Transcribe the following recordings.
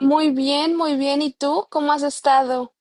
Muy bien, muy bien. ¿Y tú? ¿Cómo has estado?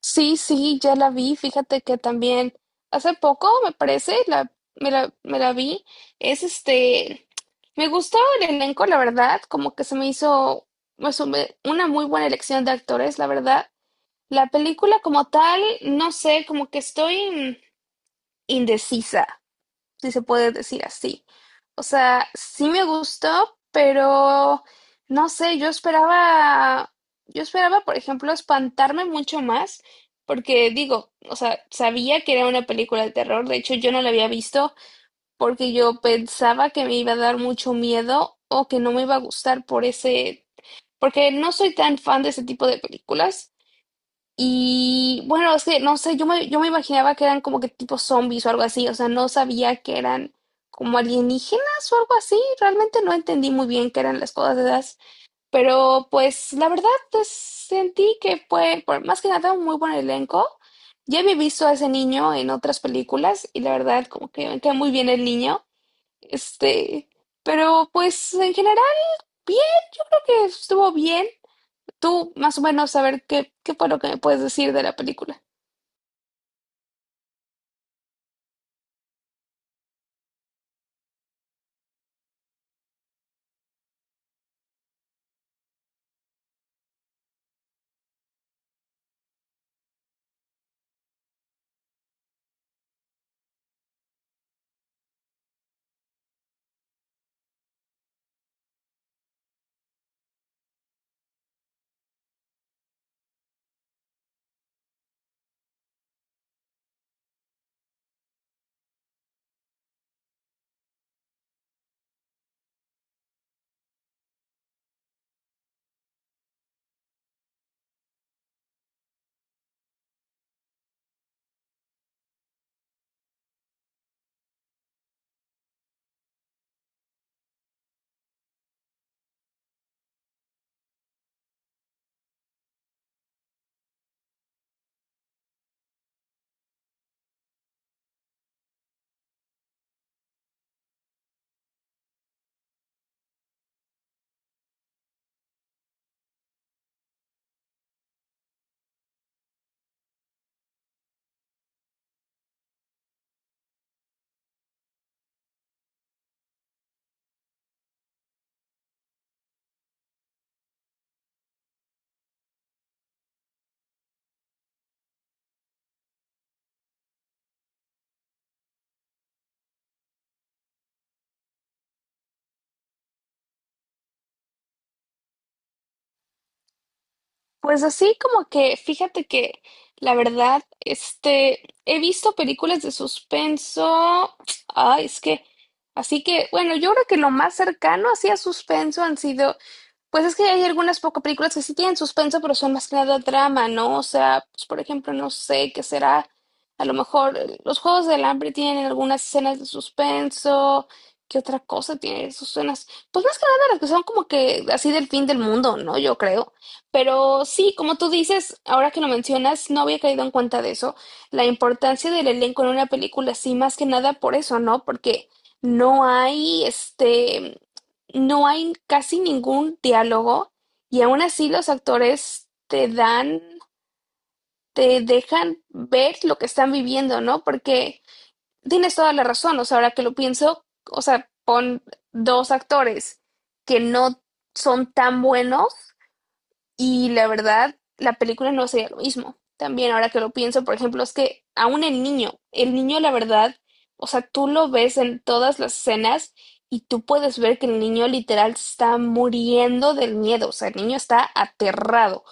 Sí, sí, ya la vi. Fíjate que también hace poco, me parece, me la vi. Es este, me gustó el elenco, la verdad, como que se me hizo pues, una muy buena elección de actores, la verdad. La película como tal, no sé, como que estoy indecisa, si se puede decir así. O sea, sí me gustó, pero no sé, yo esperaba, por ejemplo, espantarme mucho más, porque digo, o sea, sabía que era una película de terror. De hecho, yo no la había visto porque yo pensaba que me iba a dar mucho miedo o que no me iba a gustar porque no soy tan fan de ese tipo de películas. Y bueno, es que no sé, yo me imaginaba que eran como que tipo zombies o algo así. O sea, no sabía que eran como alienígenas o algo así, realmente no entendí muy bien qué eran las cosas esas, pero pues la verdad pues, sentí que fue más que nada un muy buen elenco. Ya había visto a ese niño en otras películas y la verdad como que me queda muy bien el niño, este, pero pues en general bien, creo que estuvo bien. Tú más o menos saber qué fue lo que me puedes decir de la película. Pues así como que, fíjate que la verdad, he visto películas de suspenso. Ay, es que, así que, bueno, yo creo que lo más cercano así a suspenso han sido, pues es que hay algunas pocas películas que sí tienen suspenso, pero son más que nada drama, ¿no? O sea, pues por ejemplo, no sé qué será. A lo mejor los Juegos del Hambre tienen algunas escenas de suspenso. ¿Qué otra cosa tiene sus escenas? Pues más que nada las que son como que así del fin del mundo, ¿no? Yo creo. Pero sí, como tú dices, ahora que lo mencionas, no había caído en cuenta de eso. La importancia del elenco en una película, sí, más que nada por eso, ¿no? Porque no hay este no hay casi ningún diálogo y aún así los actores te dejan ver lo que están viviendo, ¿no? Porque tienes toda la razón, o sea, ahora que lo pienso, o sea, pon dos actores que no son tan buenos y la verdad, la película no sería lo mismo. También ahora que lo pienso, por ejemplo, es que aún el niño la verdad, o sea, tú lo ves en todas las escenas y tú puedes ver que el niño literal se está muriendo del miedo, o sea, el niño está aterrado.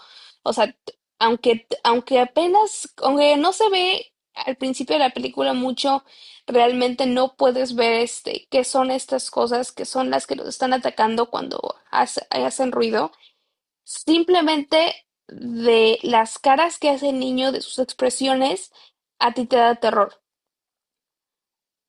O sea, aunque apenas, aunque no se ve al principio de la película mucho, realmente no puedes ver qué son estas cosas, que son las que los están atacando cuando hacen ruido. Simplemente de las caras que hace el niño, de sus expresiones, a ti te da terror.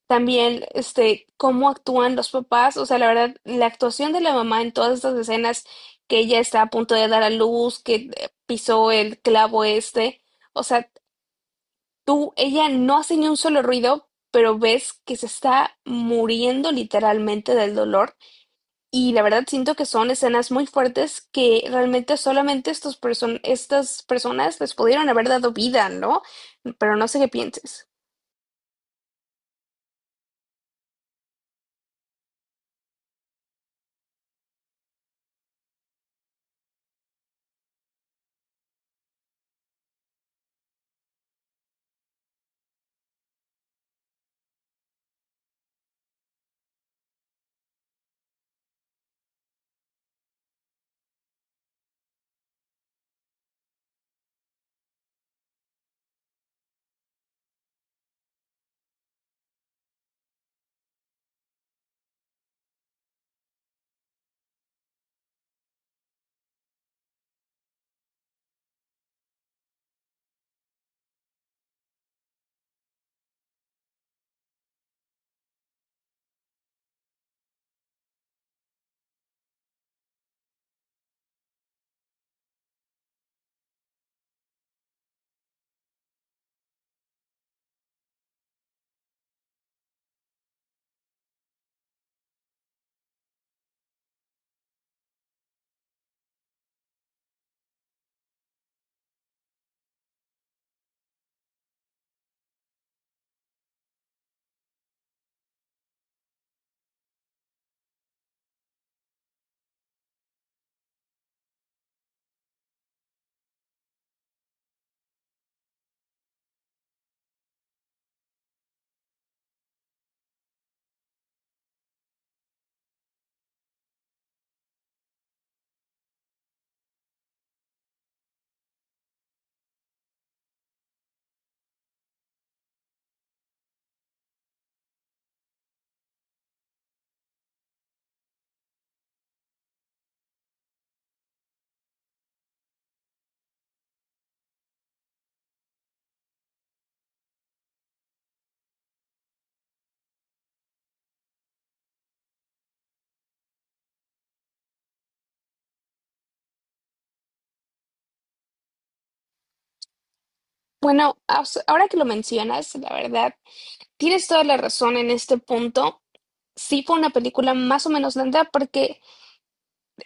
También, cómo actúan los papás, o sea, la verdad, la actuación de la mamá en todas estas escenas, que ella está a punto de dar a luz, que pisó el clavo este, o sea, ella no hace ni un solo ruido, pero ves que se está muriendo literalmente del dolor. Y la verdad siento que son escenas muy fuertes que realmente solamente estas personas les pudieron haber dado vida, ¿no? Pero no sé qué pienses. Bueno, ahora que lo mencionas, la verdad, tienes toda la razón en este punto. Sí fue una película más o menos lenta porque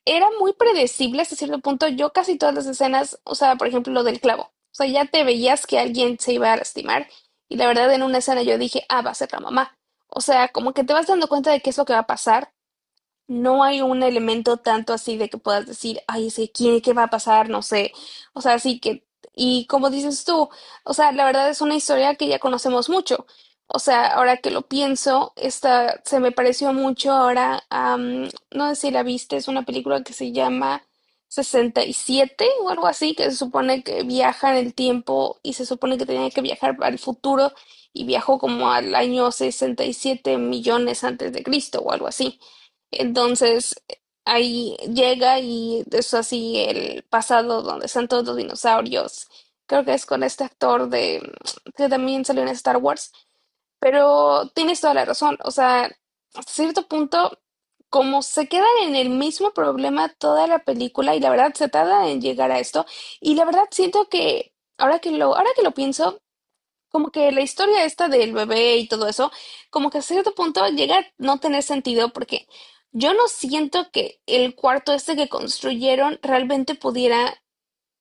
era muy predecible hasta cierto punto. Yo casi todas las escenas, o sea, por ejemplo, lo del clavo. O sea, ya te veías que alguien se iba a lastimar y la verdad en una escena yo dije, ah, va a ser la mamá. O sea, como que te vas dando cuenta de qué es lo que va a pasar. No hay un elemento tanto así de que puedas decir, ay, es que quién, qué va a pasar, no sé. O sea, sí que, y como dices tú, o sea, la verdad es una historia que ya conocemos mucho. O sea, ahora que lo pienso, esta se me pareció mucho ahora, no sé si la viste, es una película que se llama 67 o algo así, que se supone que viaja en el tiempo y se supone que tenía que viajar al futuro y viajó como al año 67 millones antes de Cristo o algo así. Entonces, ahí llega y es así el pasado donde están todos los dinosaurios. Creo que es con este actor de que también salió en Star Wars, pero tienes toda la razón. O sea, hasta cierto punto, como se quedan en el mismo problema toda la película y la verdad se tarda en llegar a esto, y la verdad siento que ahora que lo pienso, como que la historia esta del bebé y todo eso, como que a cierto punto llega a no tener sentido, porque yo no siento que el cuarto este que construyeron realmente pudiera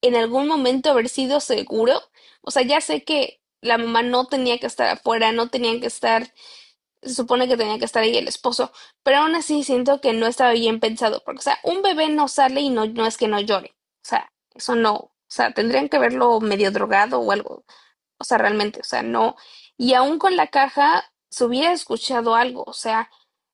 en algún momento haber sido seguro. O sea, ya sé que la mamá no tenía que estar afuera, no tenían que estar, se supone que tenía que estar ahí el esposo, pero aún así siento que no estaba bien pensado, porque, o sea, un bebé no sale y no, no es que no llore. O sea, eso no. O sea, tendrían que verlo medio drogado o algo. O sea, realmente, o sea, no. Y aún con la caja se hubiera escuchado algo. O sea,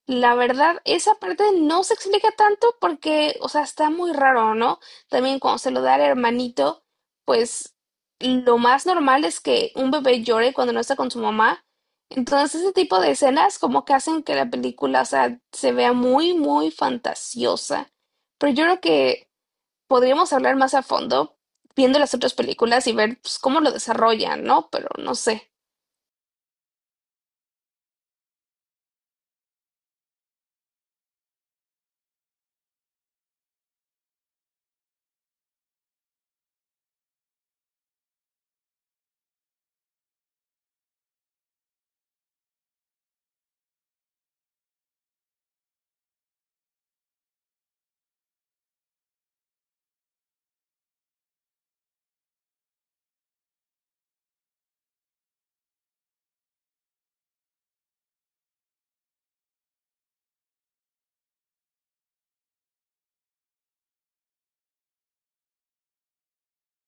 la verdad, esa parte no se explica tanto porque, o sea, está muy raro, ¿no? También cuando se lo da al hermanito, pues lo más normal es que un bebé llore cuando no está con su mamá. Entonces, ese tipo de escenas como que hacen que la película, o sea, se vea muy, muy fantasiosa. Pero yo creo que podríamos hablar más a fondo viendo las otras películas y ver pues, cómo lo desarrollan, ¿no? Pero no sé.